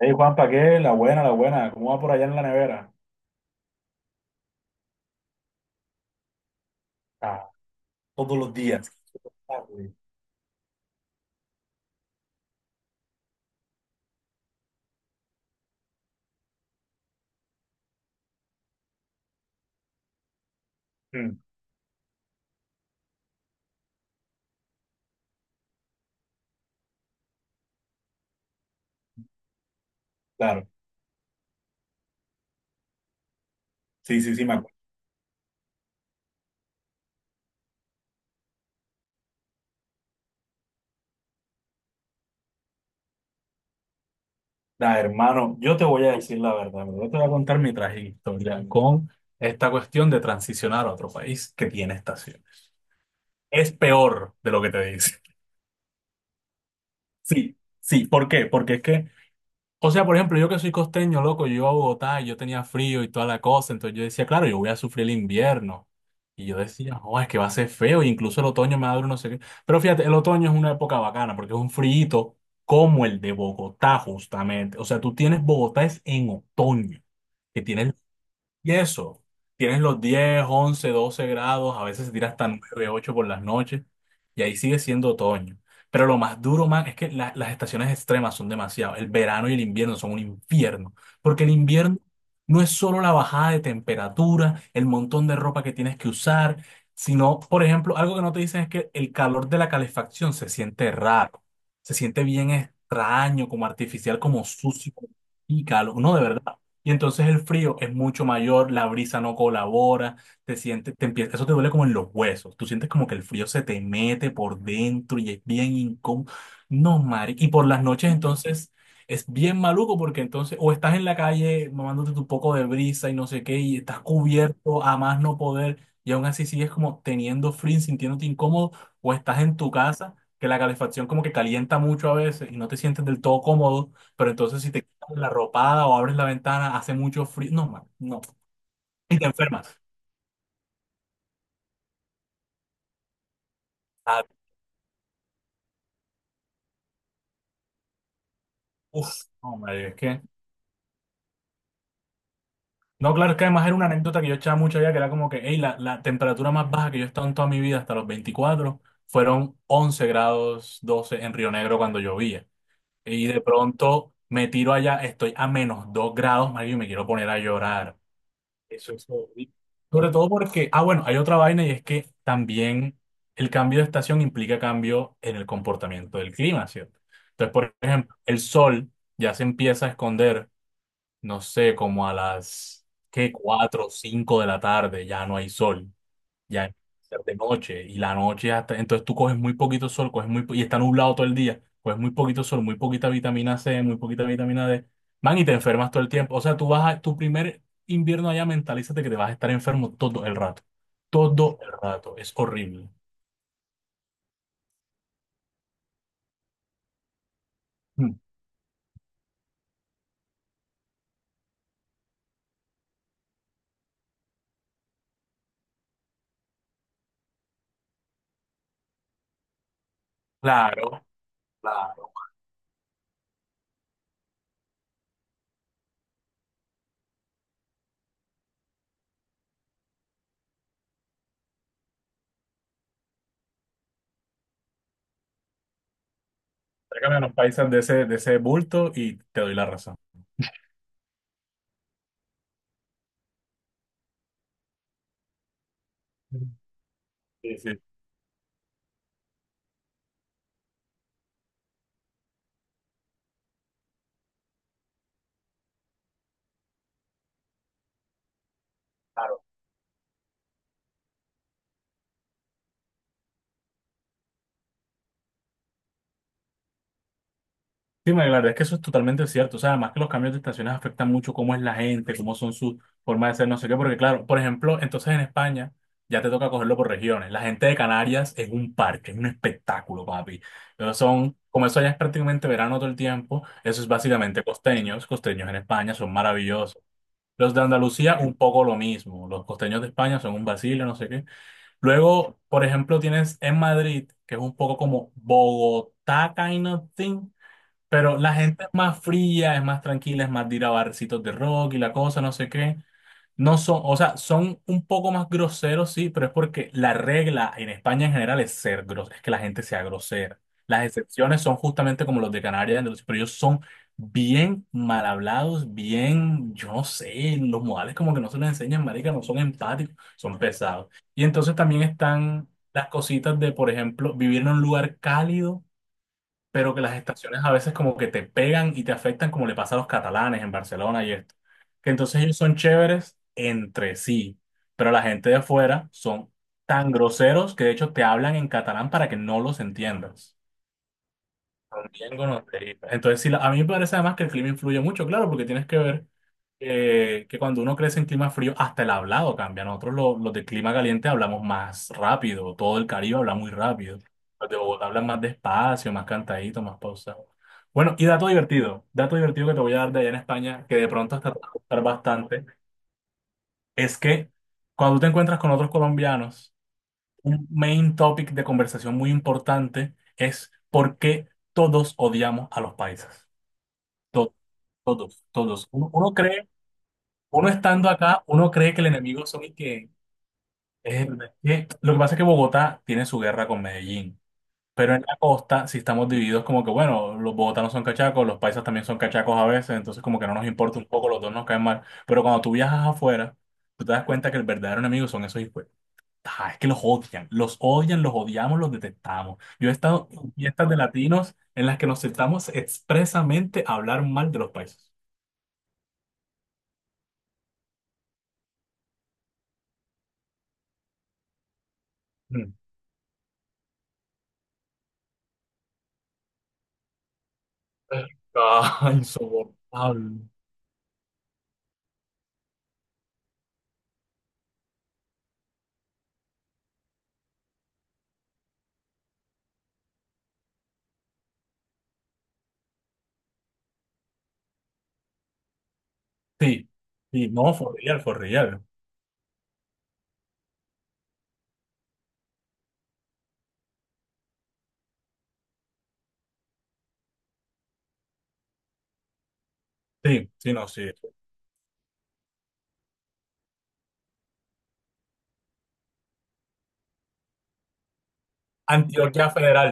Hey Juanpa, ¿qué? La buena, la buena. ¿Cómo va por allá en la nevera? Ah, todos los días. Ah, güey. Mm, claro. Sí, sí, sí, me acuerdo. Da, hermano, yo te voy a decir la verdad. Bro, yo te voy a contar mi trágica historia con esta cuestión de transicionar a otro país que tiene estaciones. Es peor de lo que te dice. Sí, sí. ¿Por qué? Porque es que O sea, por ejemplo, yo que soy costeño, loco, yo iba a Bogotá y yo tenía frío y toda la cosa, entonces yo decía, claro, yo voy a sufrir el invierno. Y yo decía, no, es que va a ser feo, e incluso el otoño me va a dar no sé qué. Pero fíjate, el otoño es una época bacana porque es un frío como el de Bogotá, justamente. O sea, tú tienes Bogotá es en otoño, que tienes y eso, tienes los 10 11 12 grados, a veces se tira hasta 9, 8 por las noches, y ahí sigue siendo otoño. Pero lo más duro, man, es que las estaciones extremas son demasiado. El verano y el invierno son un infierno, porque el invierno no es solo la bajada de temperatura, el montón de ropa que tienes que usar, sino, por ejemplo, algo que no te dicen es que el calor de la calefacción se siente raro, se siente bien extraño, como artificial, como sucio, y calor. No, de verdad. Y entonces el frío es mucho mayor, la brisa no colabora, te sientes, te empieza, eso te duele como en los huesos. Tú sientes como que el frío se te mete por dentro y es bien incómodo. No, Mari. Y por las noches entonces es bien maluco porque entonces o estás en la calle mamándote tu poco de brisa y no sé qué y estás cubierto a más no poder y aún así sigues como teniendo frío, y sintiéndote incómodo o estás en tu casa que la calefacción como que calienta mucho a veces y no te sientes del todo cómodo, pero entonces si te la ropada o abres la ventana, hace mucho frío. No, man, no. Y te enfermas. Ah, uf, no, madre, es que. No, claro, es que además era una anécdota que yo echaba mucho allá, que era como que, hey, la temperatura más baja que yo he estado en toda mi vida hasta los 24 fueron 11 grados 12 en Río Negro cuando llovía. Y de pronto me tiro allá, estoy a -2 grados, marido, y me quiero poner a llorar. Eso es todo. Sobre todo porque, bueno, hay otra vaina y es que también el cambio de estación implica cambio en el comportamiento del clima, ¿cierto? Entonces, por ejemplo, el sol ya se empieza a esconder, no sé, como a las, ¿qué? 4 o 5 de la tarde, ya no hay sol, ya es de noche y la noche hasta, entonces tú coges muy poquito sol, coges muy, y está nublado todo el día, coges muy poquito sol, muy poquita vitamina C, muy poquita vitamina D, man, y te enfermas todo el tiempo. O sea, tú vas a, tu primer invierno allá, mentalízate que te vas a estar enfermo todo el rato, es horrible. Mm. Claro, claro. Tráigame a los países de ese bulto y te doy la razón. Mm. Sí, sí. Claro. Sí, María, la verdad es que eso es totalmente cierto. O sea, además que los cambios de estaciones afectan mucho cómo es la gente, cómo son sus formas de ser, no sé qué. Porque, claro, por ejemplo, entonces en España ya te toca cogerlo por regiones. La gente de Canarias es un parque, es un espectáculo, papi. Ellos son, como eso ya es prácticamente verano todo el tiempo, eso es básicamente costeños. Costeños en España son maravillosos. Los de Andalucía, un poco lo mismo. Los costeños de España son un vacilo, no sé qué. Luego, por ejemplo, tienes en Madrid, que es un poco como Bogotá, kind of thing, pero la gente es más fría, es más tranquila, es más de ir a barcitos de rock y la cosa, no sé qué. No son, o sea, son un poco más groseros, sí, pero es porque la regla en España en general es ser grosero, es que la gente sea grosera. Las excepciones son justamente como los de Canarias, entonces, pero ellos son bien mal hablados, bien, yo no sé, los modales como que no se les enseñan, marica, no son empáticos, son pesados. Y entonces también están las cositas de, por ejemplo, vivir en un lugar cálido pero que las estaciones a veces como que te pegan y te afectan como le pasa a los catalanes en Barcelona y esto. Que entonces ellos son chéveres entre sí, pero la gente de afuera son tan groseros que de hecho te hablan en catalán para que no los entiendas. También gonorrea. Entonces, sí, la- a mí me parece además que el clima influye mucho, claro, porque tienes que ver que cuando uno crece en clima frío, hasta el hablado cambia. Nosotros los de clima caliente hablamos más rápido, todo el Caribe habla muy rápido. Los de Bogotá hablan más despacio, más cantadito, más pausado. Bueno, y dato divertido que te voy a dar de allá en España, que de pronto hasta te va a gustar bastante, es que cuando te encuentras con otros colombianos, un main topic de conversación muy importante es por qué todos odiamos a los paisas. To- Todos, todos. Uno cree, uno estando acá, uno cree que el enemigo son y que, es- lo que pasa es que Bogotá tiene su guerra con Medellín, pero en la costa sí estamos divididos como que, bueno, los bogotanos son cachacos, los paisas también son cachacos a veces, entonces como que no nos importa un poco, los dos nos caen mal. Pero cuando tú viajas afuera, tú te das cuenta que el verdadero enemigo son esos hijos. Ah, es que los odian, los odian, los odiamos, los detestamos. Yo he estado en fiestas de latinos en las que nos sentamos expresamente a hablar mal de los países. Mm. Ah, insoportable. Sí, sí, no, for real, for real. Sí, sí, no, sí. Antioquia Federal,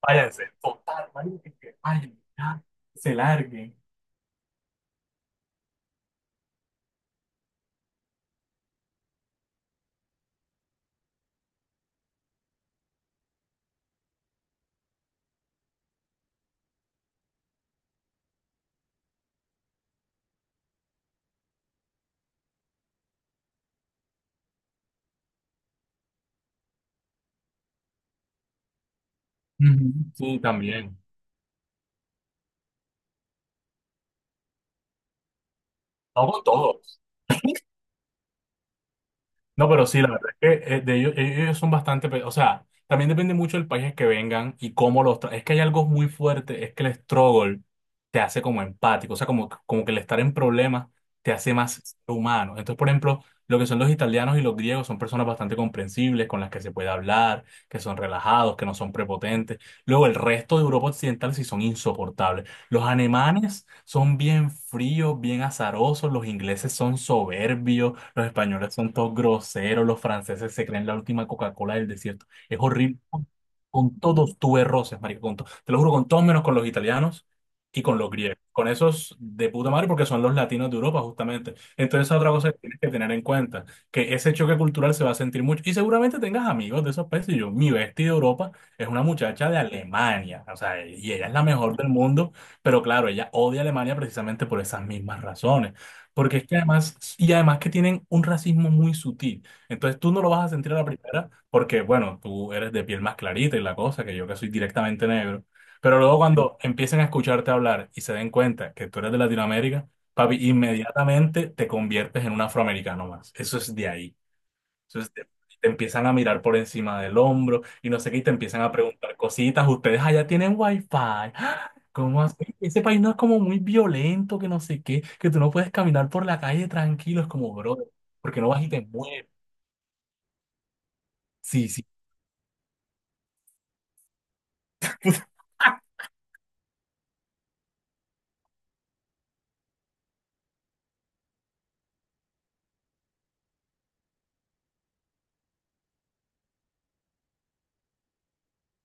váyanse, total, váyanse, que vayan, ya, se larguen. Ujú. Sí, también. No con todos. No, pero sí, la verdad es que de ellos, ellos son bastante, pe- o sea, también depende mucho del país que vengan y cómo los tra- Es que hay algo muy fuerte, es que el struggle te hace como empático, o sea, como, como que el estar en problemas te hace más ser humano. Entonces, por ejemplo, lo que son los italianos y los griegos son personas bastante comprensibles, con las que se puede hablar, que son relajados, que no son prepotentes. Luego, el resto de Europa Occidental sí son insoportables. Los alemanes son bien fríos, bien azarosos, los ingleses son soberbios, los españoles son todos groseros, los franceses se creen la última Coca-Cola del desierto. Es horrible. Con todos tuve roces, marico, te lo juro, con todos menos con los italianos y con los griegos. Con esos de puta madre porque son los latinos de Europa, justamente. Entonces, otra cosa que tienes que tener en cuenta, que ese choque cultural se va a sentir mucho. Y seguramente tengas amigos de esos países. Yo, mi bestia de Europa es una muchacha de Alemania, o sea, y ella es la mejor del mundo. Pero claro, ella odia a Alemania precisamente por esas mismas razones. Porque es que además, y además que tienen un racismo muy sutil. Entonces tú no lo vas a sentir a la primera porque, bueno, tú eres de piel más clarita y la cosa, que yo que soy directamente negro. Pero luego cuando empiecen a escucharte hablar y se den cuenta que tú eres de Latinoamérica, papi, inmediatamente te conviertes en un afroamericano más. Eso es de ahí. Entonces te empiezan a mirar por encima del hombro y no sé qué, y te empiezan a preguntar cositas. ¿Ustedes allá tienen wifi? ¡Ah! ¿Cómo así? Ese país no es como muy violento, que no sé qué, que tú no puedes caminar por la calle tranquilo. Es como, bro, porque no vas y te mueres? Sí, sí.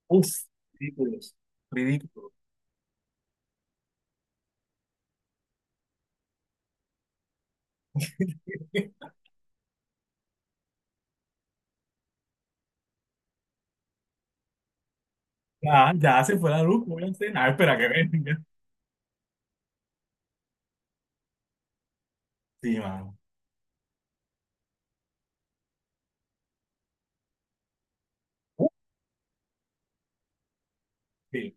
Uf, ridículos. Ridículo. Ya, ya se fue la luz, voy a cenar, espera que venga. Sí, mano. Uf, sí.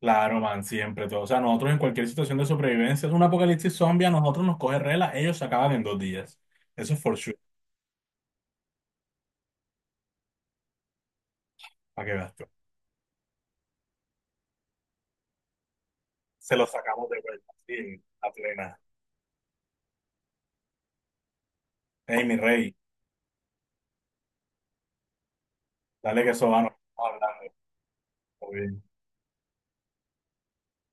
Claro, man, siempre todo. O sea, nosotros en cualquier situación de sobrevivencia, es un apocalipsis zombie, a nosotros nos coge rela, ellos se acaban en 2 días. Eso es for sure, para que veas tú. Se los sacamos de vuelta, sí, a plena. Ey, mi rey, dale que eso va, nos vamos hablando. Todo bien.